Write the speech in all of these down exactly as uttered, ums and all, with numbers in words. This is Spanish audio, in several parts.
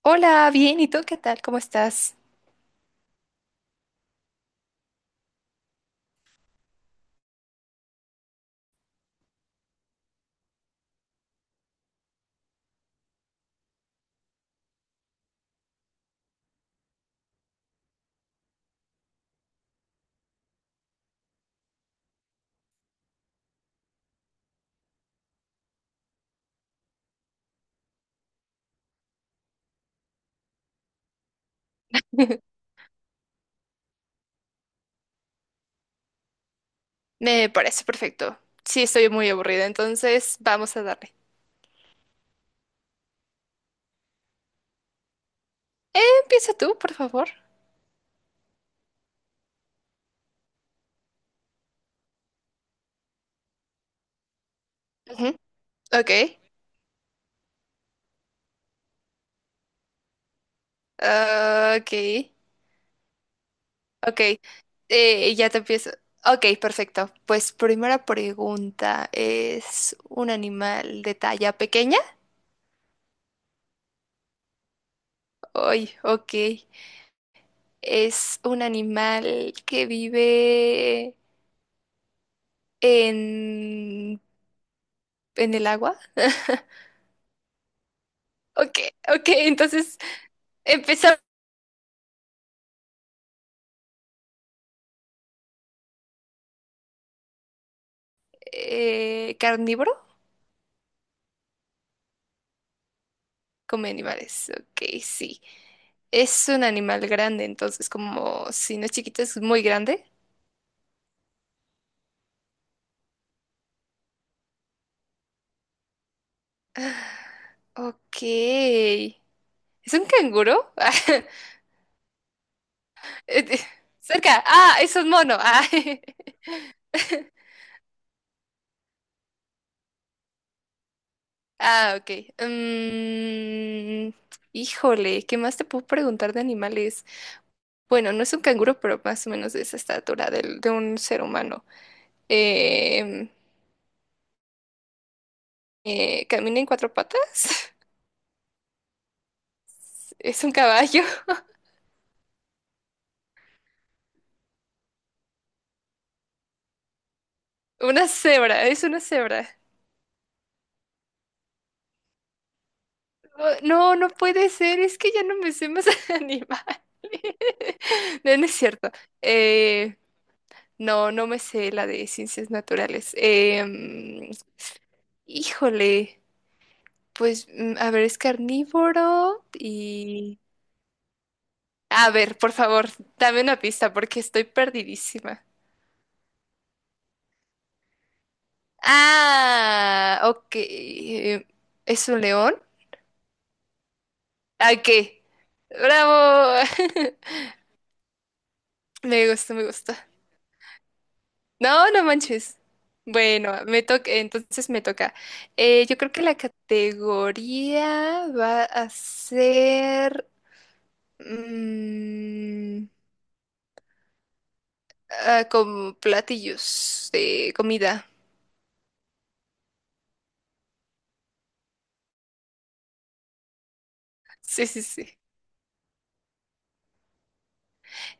Hola, bien, ¿y tú qué tal? ¿Cómo estás? Me parece perfecto. Sí, estoy muy aburrida, entonces vamos a darle. Eh, empieza tú, por favor. Ujú. Ok, ah, ok, ok. Eh, ya te empiezo. Ok, perfecto. Pues primera pregunta, ¿es un animal de talla pequeña? Ay, ok. ¿Es un animal que vive en, en el agua? Ok, ok, entonces empezar. Eh, ¿carnívoro? Come animales. Ok, sí. Es un animal grande, entonces como si no es chiquito, es muy grande. Ok. ¿Es un canguro? Eh, eh, Cerca. Ah, es un mono. Ah, ah, ok. Mm, híjole, ¿qué más te puedo preguntar de animales? Bueno, no es un canguro, pero más o menos de esa estatura del- de un ser humano. Em, eh, ¿Camina en cuatro patas? Es un caballo. Una cebra, es una cebra. No, no no puede ser, es que ya no me sé más animales. No, no es cierto. Eh, no, no me sé la de ciencias naturales. Em, híjole, pues, mm, a ver, es carnívoro y... A ver, por favor, dame una pista porque estoy perdidísima. Ah, ok. eh, ¿Es un león? ¿A qué? ¡Bravo! Me gusta, me gusta. No, no manches. Bueno, me toca, entonces me toca. Eh, yo creo que la categoría va a ser, mm, ah, como platillos de comida. Sí, sí, sí.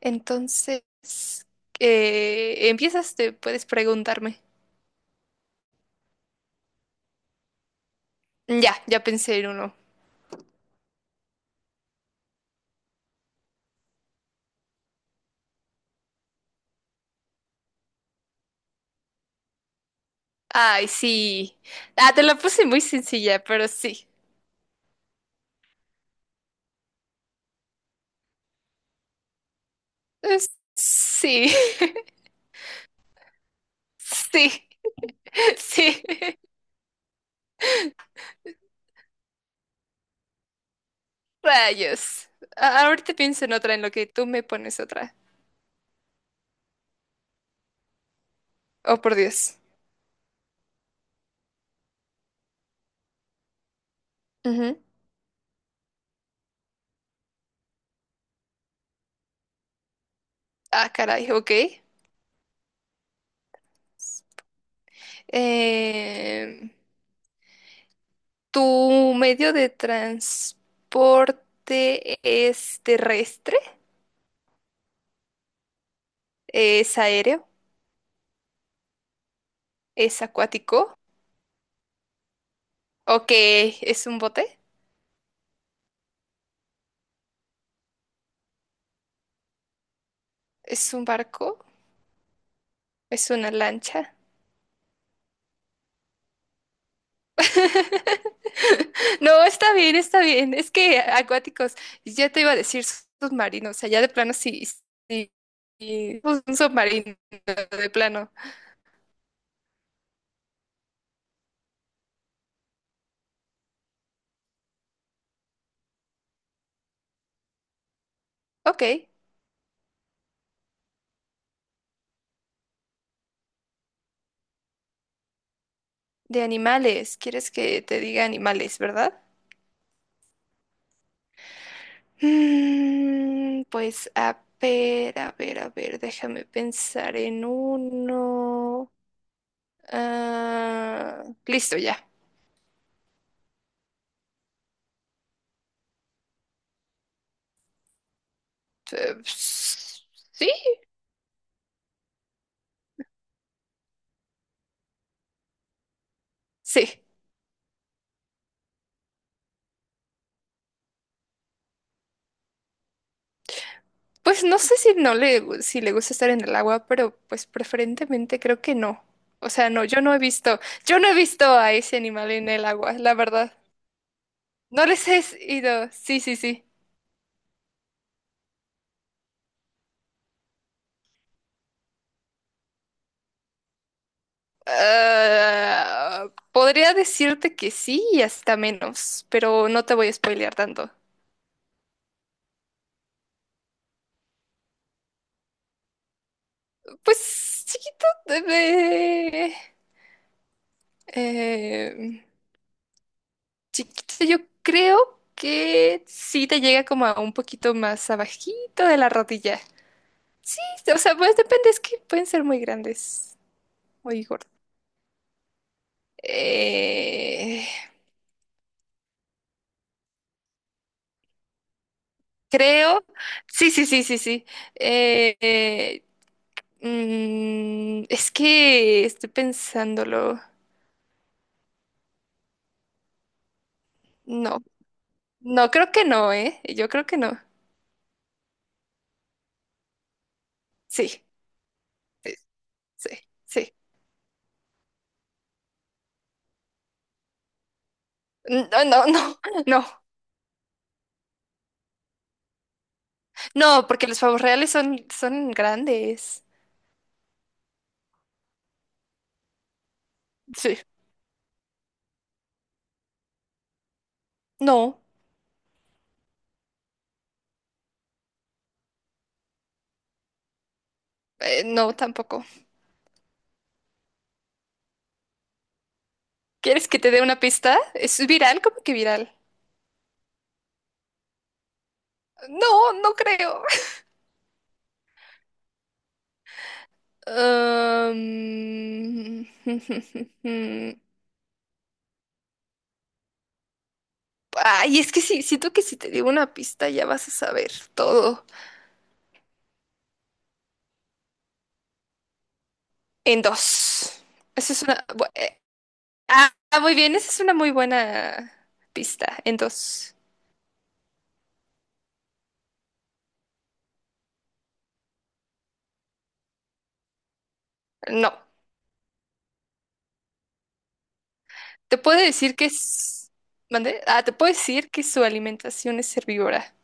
Entonces, eh, empiezas, te puedes preguntarme. Ya, ya pensé en uno. Ay, sí. Ah, te la puse muy sencilla, pero sí. Es- sí. Sí. Sí, rayos. A- ahorita pienso en otra, en lo que tú me pones otra. Oh, por Dios. Ujú. Ah, caray, ok. Em, ¿tu medio de transporte es terrestre? ¿Es aéreo? ¿Es acuático? ¿O qué? ¿Es un bote? ¿Es un barco? ¿Es una lancha? No, está bien, está bien. Es que acuáticos, ya te iba a decir submarinos, o sea, ya de plano sí, sí, sí, pues, un submarino de plano. Ok, de animales, ¿quieres que te diga animales, verdad? Mm, pues a ver, a ver, a ver, déjame pensar en uno. Ah, listo, ya. Eh, sí, sí. Pues no sé si no le, gu- si le gusta estar en el agua, pero pues preferentemente creo que no. O sea, no, yo no he visto, yo no he visto a ese animal en el agua, la verdad. No les has ido. Sí, sí, sí. Ah, podría decirte que sí y hasta menos, pero no te voy a spoilear tanto. Pues chiquito, eh, eh, chiquito, yo creo que sí te llega como a un poquito más abajito de la rodilla. Sí, o sea, pues depende, es que pueden ser muy grandes, muy gordos. Eh, creo, sí, sí, sí, sí, sí. Eh, eh, mm, es que estoy pensándolo. No, no, creo que no, ¿eh? Yo creo que no. Sí, sí, sí. No, no, no, no, no, porque los pavos reales son, son grandes. Sí, no, eh, no, tampoco. ¿Quieres que te dé una pista? ¿Es viral? ¿Cómo que viral? No, no creo. Um, ay, es que sí, siento que si te digo una pista ya vas a saber todo en dos. Esa es una... bu- eh, ah, ah, muy bien, esa es una muy buena pista, en dos. No, te puedo decir que es... ¿Mande? Ah, te puedo decir que su alimentación es herbívora.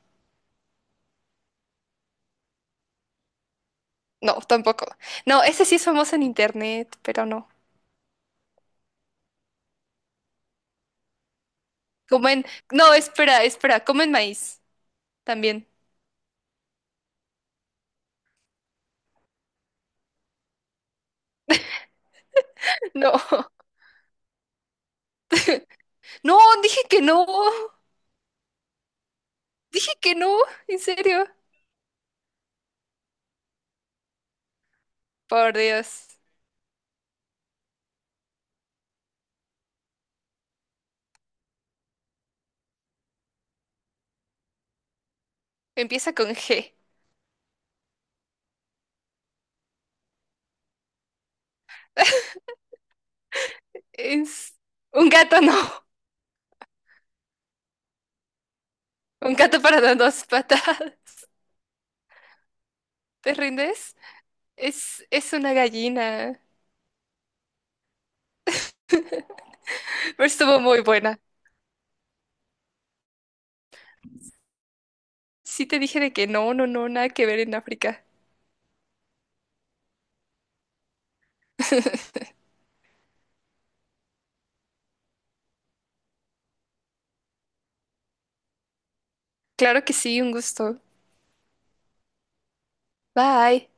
No, tampoco. No, esa sí es famosa en internet, pero no. Comen... No, espera, espera, comen maíz también. No, no, dije que no. Que no, en serio. Por Dios. Empieza con G. Es un gato, no. Un gato para las dos patas. ¿Te rindes? Es, es una gallina. Pero estuvo muy buena. Sí te dije de que no, no, no, nada que ver en África. Claro que sí, un gusto. Bye.